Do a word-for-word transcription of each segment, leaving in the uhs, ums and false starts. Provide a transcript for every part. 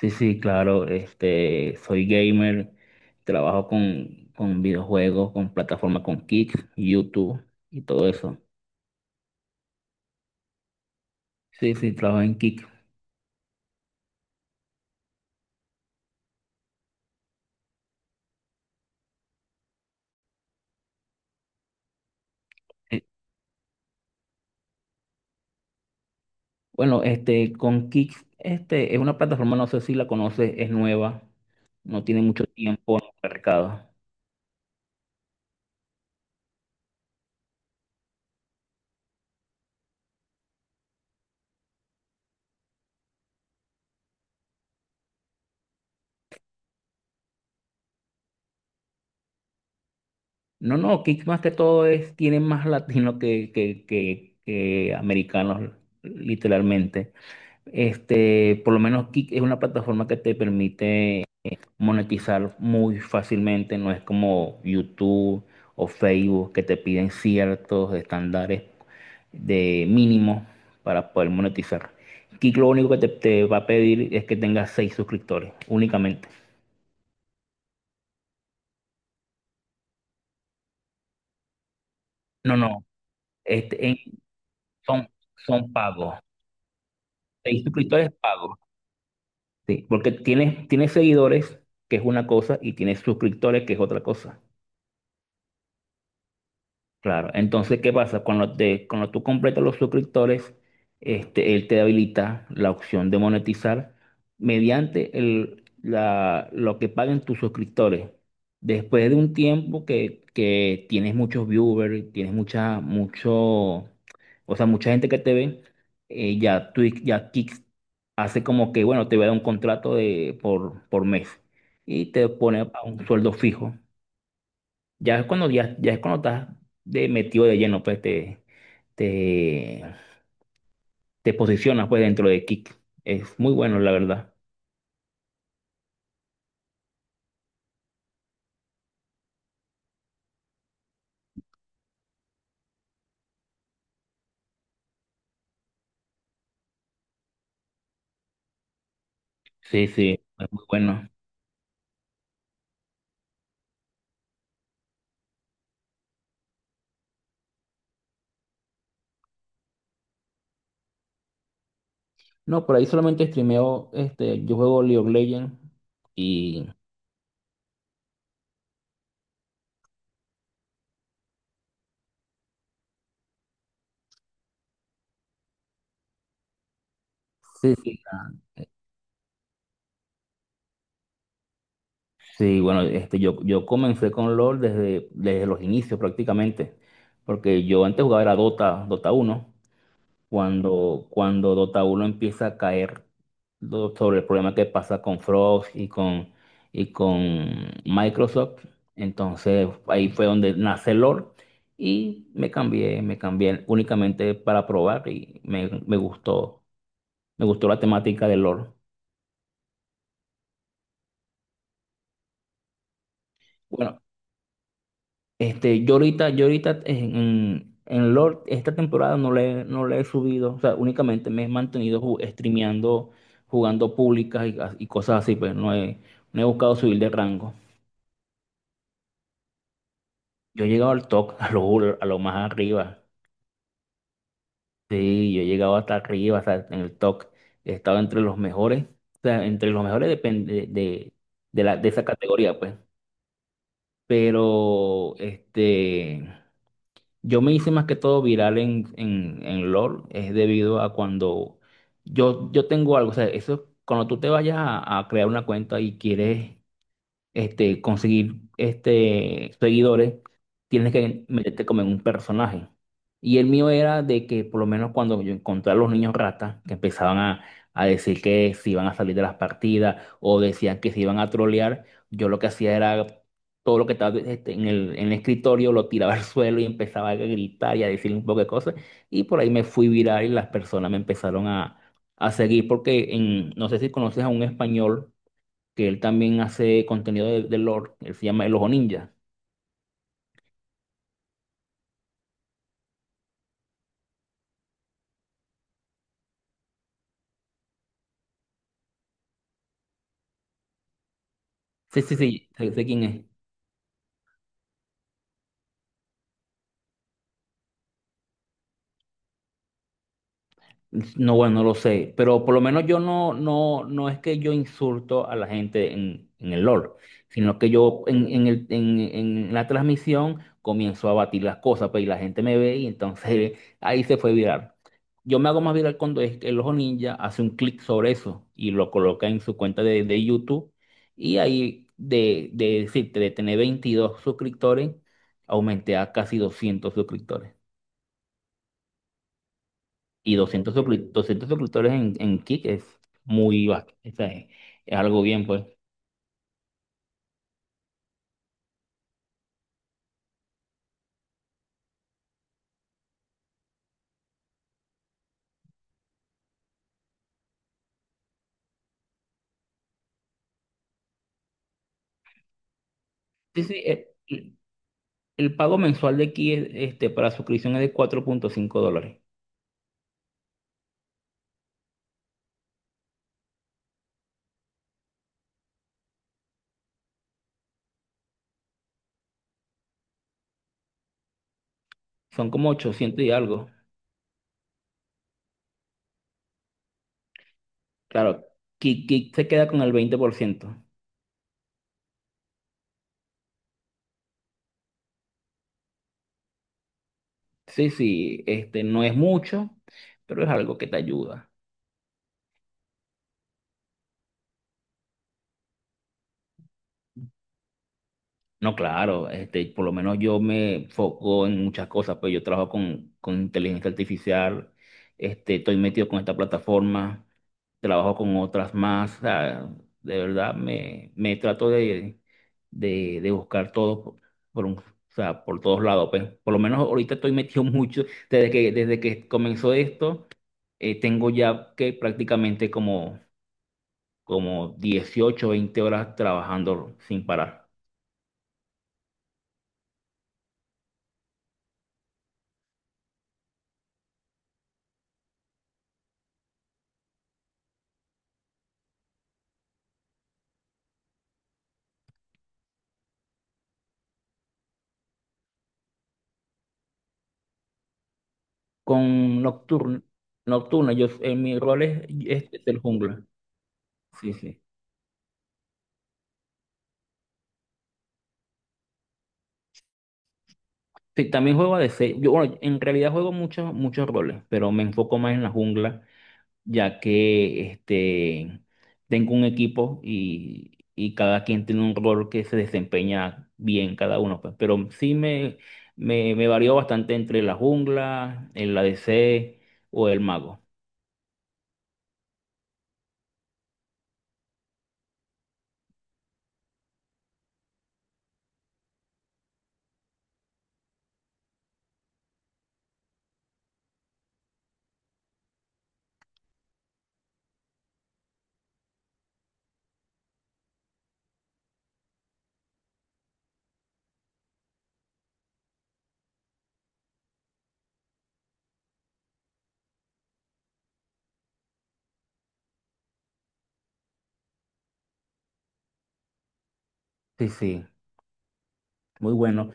Sí, sí, claro, este, soy gamer, trabajo con, con videojuegos, con plataformas con Kick, YouTube y todo eso. Sí, sí, trabajo en Kick. Eh, Bueno, este, con Kick, este, es una plataforma, no sé si la conoces, es nueva, no tiene mucho tiempo en el mercado. No, no, Kick más que todo es, tiene más latinos que, que, que, que americanos, literalmente. Este, por lo menos Kick es una plataforma que te permite monetizar muy fácilmente, no es como YouTube o Facebook que te piden ciertos estándares de mínimo para poder monetizar. Kik lo único que te, te va a pedir es que tengas seis suscriptores únicamente. No, no, este, en- son, son pagos. Seis suscriptores pagos. Sí, porque tienes, tienes seguidores, que es una cosa, y tienes suscriptores, que es otra cosa. Claro, entonces, ¿qué pasa? Cuando, te, cuando tú completas los suscriptores, este, él te habilita la opción de monetizar mediante el, la, lo que paguen tus suscriptores. Después de un tiempo que, que tienes muchos viewers, tienes mucha, mucho, o sea, mucha gente que te ve, eh, ya Twitch, ya Kick hace como que, bueno, te va a dar un contrato de, por, por mes y te pone a un sueldo fijo. Ya es cuando, ya, ya es cuando estás de metido de lleno, pues te, te, te posicionas pues dentro de Kick. Es muy bueno, la verdad. Sí, sí, es muy bueno. No, por ahí solamente streameo, este, yo juego League of Legends y. Sí, sí, ah, sí, bueno, este, yo, yo comencé con LoL desde, desde los inicios prácticamente, porque yo antes jugaba era Dota, Dota uno, cuando, cuando Dota uno empieza a caer lo- sobre el problema que pasa con Frost y con, y con Microsoft. Entonces ahí fue donde nace LOL y me cambié, me cambié únicamente para probar y me, me gustó, me gustó la temática de LOL. Bueno, Este, yo ahorita, yo ahorita en, en, Lord, esta temporada no le, no le he subido, o sea, únicamente me he mantenido ju- streameando, jugando públicas y, y cosas así, pues no he, no he buscado subir de rango. Yo he llegado al top, a lo, a lo más arriba. Sí, yo he llegado hasta arriba, o sea, en el top. He estado entre los mejores, o sea, entre los mejores depende de, de, la, de esa categoría, pues. Pero, este. Yo me hice más que todo viral en, en, en LOL, es debido a cuando yo, yo tengo algo, o sea, eso, cuando tú te vayas a, a crear una cuenta y quieres este, conseguir este, seguidores, tienes que meterte como en un personaje. Y el mío era de que por lo menos cuando yo encontré a los niños ratas, que empezaban a, a decir que se iban a salir de las partidas o decían que se iban a trolear, yo lo que hacía era todo lo que estaba este, en el, en el escritorio, lo tiraba al suelo y empezaba a gritar y a decir un poco de cosas. Y por ahí me fui viral y las personas me empezaron a, a seguir porque en, no sé si conoces a un español que él también hace contenido de, de lore. Él se llama El Ojo Ninja. Sí, sí, sí, sé, sé quién es. No, bueno, no lo sé, pero por lo menos yo no, no, no es que yo insulto a la gente en, en el LOL, sino que yo en, en el- en- en la transmisión comienzo a batir las cosas, pues, y la gente me ve y entonces ahí se fue viral. Yo me hago más viral cuando es que el Ojo Ninja hace un clic sobre eso y lo coloca en su cuenta de, de YouTube y ahí de, de decirte, de tener veintidós suscriptores, aumenté a casi doscientos suscriptores. Y doscientos suscrip- doscientos suscriptores en, en Kick es muy bajo. O sea, Es, es algo bien, pues. Sí, sí, el, el- el pago mensual de Kick es- este, para suscripción es de cuatro punto cinco dólares. Son como ochocientos y algo. Claro, Kick, Kick se queda con el veinte por ciento. Sí, sí, este, no es mucho, pero es algo que te ayuda. No, claro, este, por lo menos yo me foco en muchas cosas, pues yo trabajo con, con inteligencia artificial, este, estoy metido con esta plataforma, trabajo con otras más, o sea, de verdad me, me trato de, de, de buscar todo por, por un- o sea, por todos lados, pues por lo menos ahorita estoy metido mucho, desde que, desde que comenzó esto, eh, tengo ya que prácticamente como, como dieciocho, veinte horas trabajando sin parar. Con Nocturno. Nocturno, yo en mi rol es, es, el jungla. Sí, sí. Sí, también juego de seis. Yo, bueno, en realidad juego muchos, muchos roles, pero me enfoco más en la jungla, ya que este, tengo un equipo y, y cada quien tiene un rol que se desempeña bien cada uno, pues. Pero sí me, me, me varió bastante entre la jungla, el A D C o el mago. Sí, sí, muy bueno.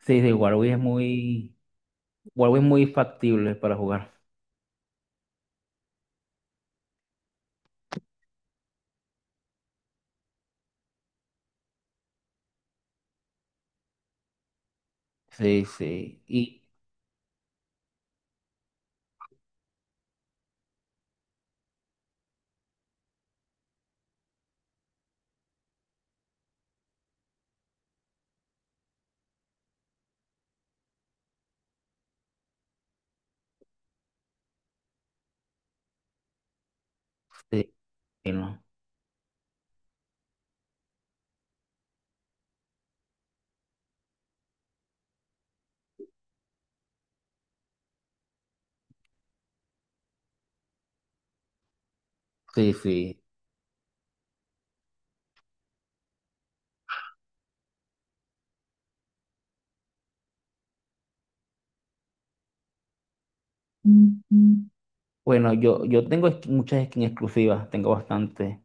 Sí, de Warwick es muy, Warwick es muy factible para jugar. Sí, sí. Y sí, y no. Sí, sí. Ujú. Bueno, yo, yo tengo esqui- muchas skins exclusivas, tengo bastante.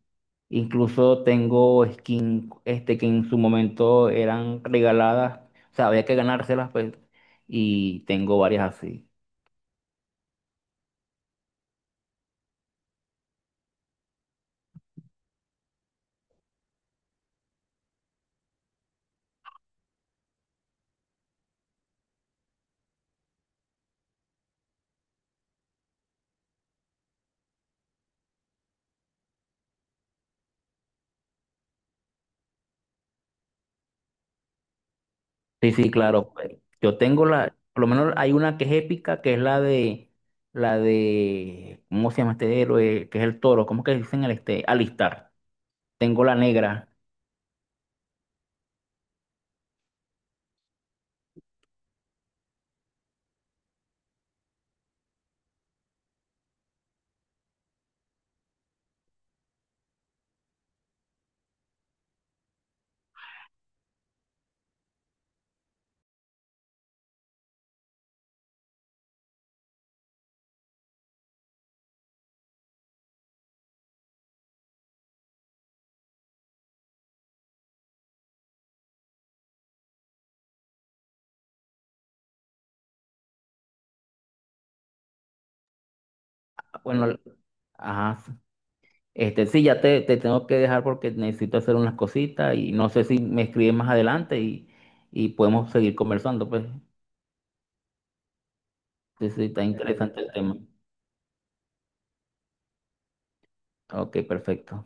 Incluso tengo skins este, que en su momento eran regaladas, o sea, había que ganárselas, pues, y tengo varias así. Sí, sí, claro, pues. Yo tengo la, por lo menos hay una que es épica, que es la de, la de, ¿cómo se llama este héroe? Que es el toro, ¿cómo que dicen el este? Alistar. Tengo la negra. Bueno, ajá. Este, sí, ya te, te tengo que dejar porque necesito hacer unas cositas y no sé si me escribes más adelante y, y podemos seguir conversando, pues. Sí, sí, está interesante el tema. Ok, perfecto.